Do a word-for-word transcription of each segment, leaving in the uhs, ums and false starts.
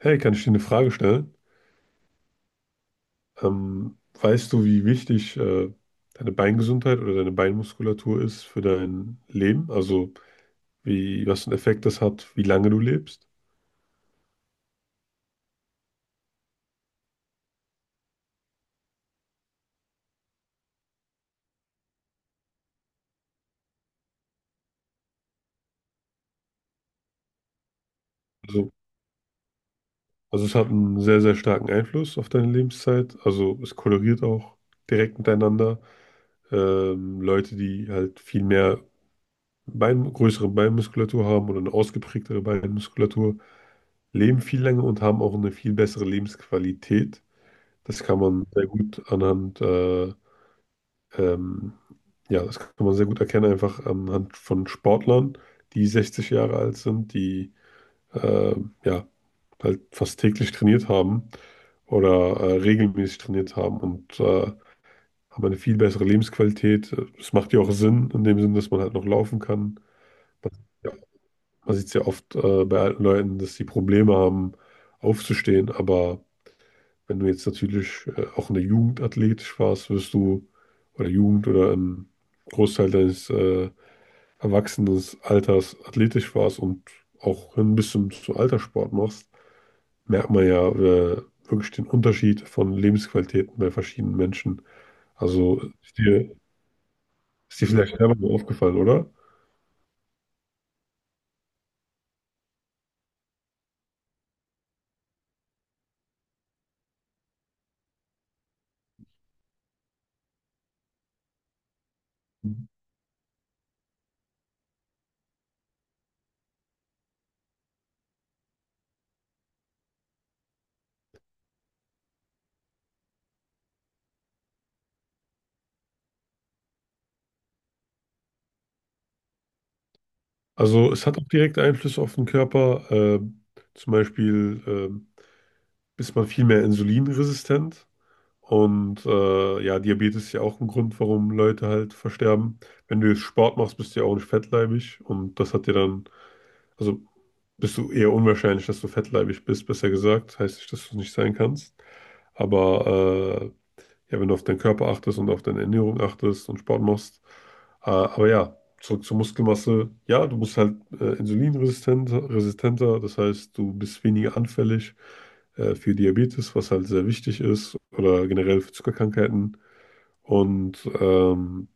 Hey, kann ich dir eine Frage stellen? Ähm, weißt du, wie wichtig äh, deine Beingesundheit oder deine Beinmuskulatur ist für dein Leben? Also, wie, was für einen Effekt das hat, wie lange du lebst? Also, also es hat einen sehr, sehr starken Einfluss auf deine Lebenszeit. Also, es korreliert auch direkt miteinander. ähm, Leute, die halt viel mehr Bein, größere Beinmuskulatur haben oder eine ausgeprägtere Beinmuskulatur, leben viel länger und haben auch eine viel bessere Lebensqualität. Das kann man sehr gut anhand, äh, ähm, ja, das kann man sehr gut erkennen, einfach anhand von Sportlern, die sechzig Jahre alt sind, die äh, ja, halt fast täglich trainiert haben oder äh, regelmäßig trainiert haben und äh, haben eine viel bessere Lebensqualität. Es macht ja auch Sinn, in dem Sinn, dass man halt noch laufen kann. Man, ja, man sieht es ja oft äh, bei alten Leuten, dass sie Probleme haben, aufzustehen. Aber wenn du jetzt natürlich äh, auch in der Jugend athletisch warst, wirst du, oder Jugend oder im Großteil deines äh, Erwachsenenalters athletisch warst und auch hin bis zum, zum Alterssport machst, merkt man ja äh, wirklich den Unterschied von Lebensqualitäten bei verschiedenen Menschen. Also ich dir, ist dir vielleicht selber mal aufgefallen, oder? Also es hat auch direkte Einflüsse auf den Körper. Ähm, zum Beispiel ähm, ist man viel mehr insulinresistent. Und äh, ja, Diabetes ist ja auch ein Grund, warum Leute halt versterben. Wenn du jetzt Sport machst, bist du ja auch nicht fettleibig. Und das hat dir dann, also bist du eher unwahrscheinlich, dass du fettleibig bist, besser gesagt. Heißt nicht, dass du es nicht sein kannst. Aber äh, ja, wenn du auf deinen Körper achtest und auf deine Ernährung achtest und Sport machst. Äh, aber ja, zurück zur Muskelmasse. Ja, du bist halt äh, insulinresistenter, resistenter, das heißt, du bist weniger anfällig äh, für Diabetes, was halt sehr wichtig ist, oder generell für Zuckerkrankheiten. Und ähm,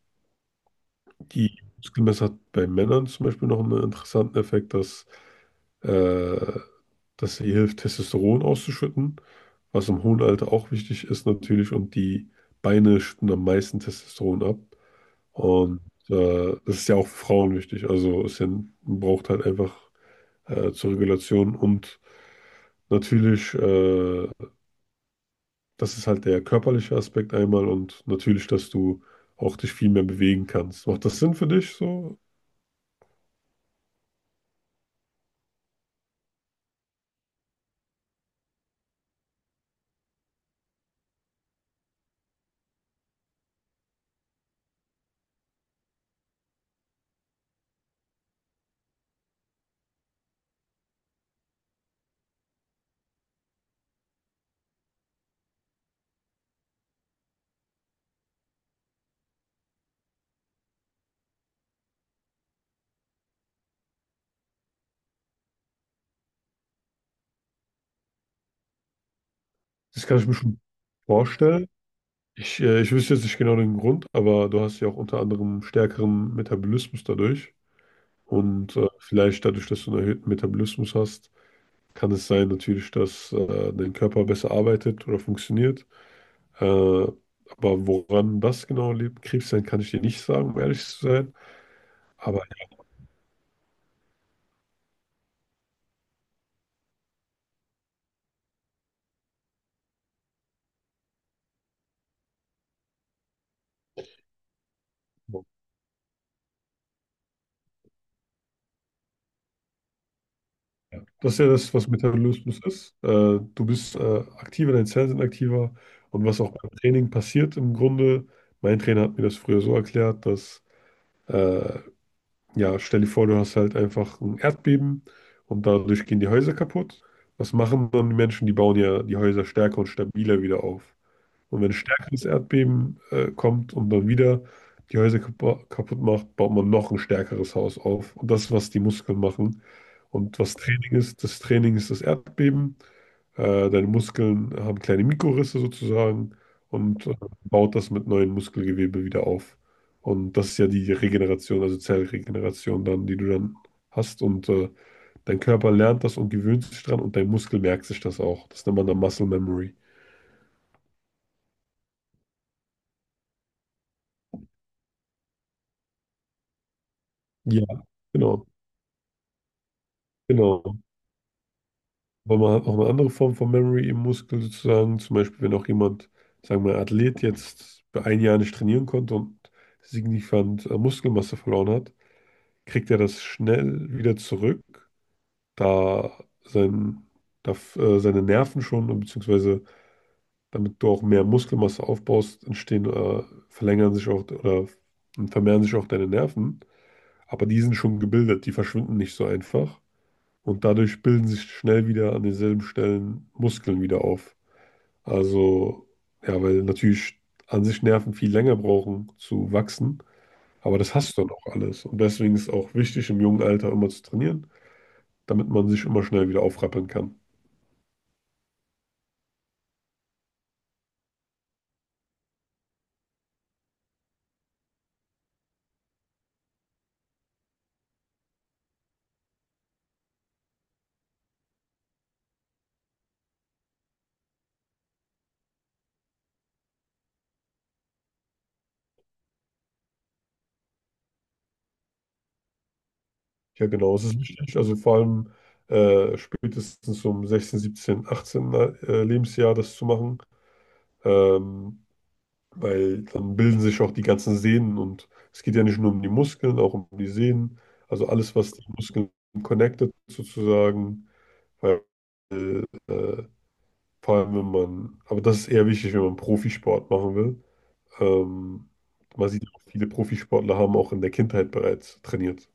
die Muskelmasse hat bei Männern zum Beispiel noch einen interessanten Effekt, dass, äh, dass sie hilft, Testosteron auszuschütten, was im hohen Alter auch wichtig ist natürlich. Und die Beine schütten am meisten Testosteron ab. Und äh, das ist ja auch für Frauen wichtig. Also es sind- man braucht halt einfach äh, zur Regulation. Und natürlich, äh, das ist halt der körperliche Aspekt einmal und natürlich, dass du auch dich viel mehr bewegen kannst. Macht das Sinn für dich so? Das kann ich mir schon vorstellen. Ich, äh, ich wüsste jetzt nicht genau den Grund, aber du hast ja auch unter anderem stärkeren Metabolismus dadurch. Und äh, vielleicht dadurch, dass du einen erhöhten Metabolismus hast, kann es sein natürlich, dass äh, dein Körper besser arbeitet oder funktioniert. Äh, aber woran das genau liegt, Krebs sein, kann ich dir nicht sagen, um ehrlich zu sein. Aber Ja. Das ist ja das, was Metabolismus ist. Äh, du bist äh, aktiver, deine Zellen sind aktiver. Und was auch beim Training passiert im Grunde, mein Trainer hat mir das früher so erklärt, dass, äh, ja, stell dir vor, du hast halt einfach ein Erdbeben und dadurch gehen die Häuser kaputt. Was machen dann die Menschen? Die bauen ja die Häuser stärker und stabiler wieder auf. Und wenn ein stärkeres Erdbeben äh, kommt und dann wieder die Häuser kap kaputt macht, baut man noch ein stärkeres Haus auf. Und das ist, was die Muskeln machen. Und was Training ist, das Training ist das Erdbeben. Äh, deine Muskeln haben kleine Mikrorisse sozusagen und äh, baut das mit neuem Muskelgewebe wieder auf. Und das ist ja die Regeneration, also Zellregeneration dann, die du dann hast. Und äh, dein Körper lernt das und gewöhnt sich dran und dein Muskel merkt sich das auch. Das nennt man dann Muscle Memory. Ja, genau. Genau. Aber man hat auch eine andere Form von Memory im Muskel sozusagen. Zum Beispiel, wenn auch jemand, sagen wir, Athlet jetzt für ein Jahr nicht trainieren konnte und signifikant äh, Muskelmasse verloren hat, kriegt er das schnell wieder zurück, da sein, da, f- äh, seine Nerven schon, und beziehungsweise damit du auch mehr Muskelmasse aufbaust, entstehen, äh, verlängern sich auch oder vermehren sich auch deine Nerven. Aber die sind schon gebildet, die verschwinden nicht so einfach. Und dadurch bilden sich schnell wieder an denselben Stellen Muskeln wieder auf. Also, ja, weil natürlich an sich Nerven viel länger brauchen zu wachsen, aber das hast du dann auch alles. Und deswegen ist es auch wichtig, im jungen Alter immer zu trainieren, damit man sich immer schnell wieder aufrappeln kann. Ja, genau, es ist wichtig. Also vor allem äh, spätestens um sechzehn, siebzehn, achtzehn äh, Lebensjahr das zu machen. Ähm, weil dann bilden sich auch die ganzen Sehnen und es geht ja nicht nur um die Muskeln, auch um die Sehnen, also alles, was die Muskeln connected sozusagen, weil äh, äh, vor allem wenn man, aber das ist eher wichtig, wenn man Profisport machen will. Ähm, man sieht auch, viele Profisportler haben auch in der Kindheit bereits trainiert.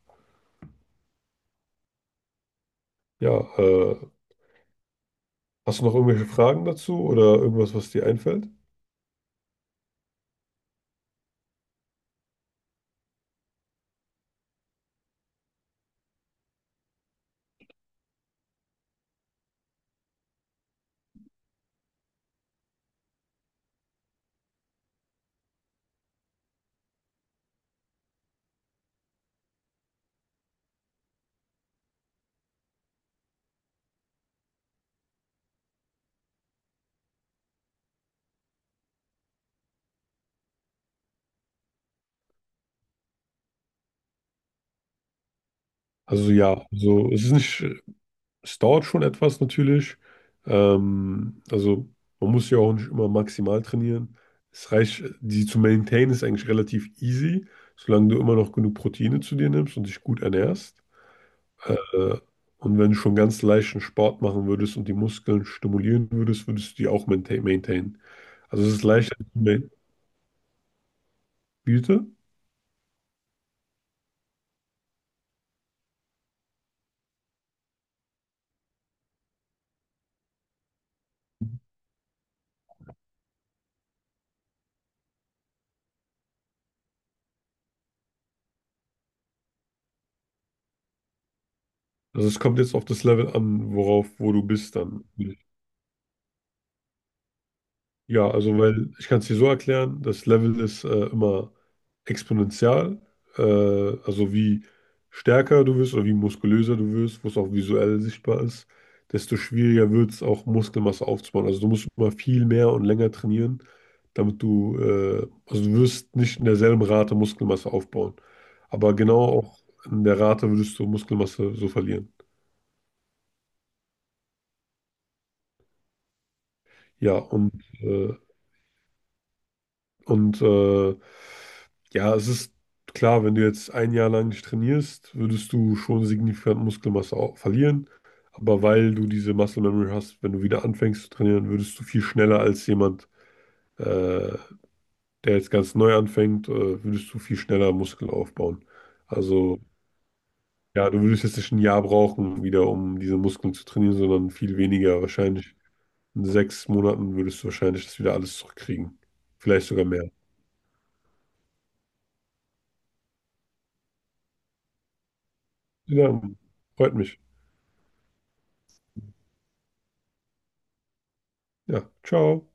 Ja, äh, hast du noch irgendwelche Fragen dazu oder irgendwas, was dir einfällt? Also ja, also es ist nicht. Es dauert schon etwas natürlich. Ähm, also man muss ja auch nicht immer maximal trainieren. Es reicht, die zu maintainen ist eigentlich relativ easy, solange du immer noch genug Proteine zu dir nimmst und dich gut ernährst. Äh, und wenn du schon ganz leichten Sport machen würdest und die Muskeln stimulieren würdest, würdest du die auch maintain- maintainen. Also es ist leichter zu maintainen. Bitte? Also es kommt jetzt auf das Level an, worauf, wo du bist dann. Ja, also weil ich kann es dir so erklären, das Level ist äh, immer exponentiell, äh, also wie stärker du wirst oder wie muskulöser du wirst, was auch visuell sichtbar ist, desto schwieriger wird es auch Muskelmasse aufzubauen. Also du musst immer viel mehr und länger trainieren, damit du, äh, also du wirst nicht in derselben Rate Muskelmasse aufbauen, aber genau auch in der Rate würdest du Muskelmasse so verlieren. Ja, und äh, Und äh, ja, es ist klar, wenn du jetzt ein Jahr lang nicht trainierst, würdest du schon signifikant Muskelmasse au- verlieren. Aber weil du diese Muscle Memory hast, wenn du wieder anfängst zu trainieren, würdest du viel schneller als jemand, äh, der jetzt ganz neu anfängt, äh, würdest du viel schneller Muskeln aufbauen. Also ja, du würdest jetzt nicht ein Jahr brauchen, wieder um diese Muskeln zu trainieren, sondern viel weniger. Wahrscheinlich in sechs Monaten würdest du wahrscheinlich das wieder alles zurückkriegen. Vielleicht sogar mehr. Ja, freut mich. Ja, ciao.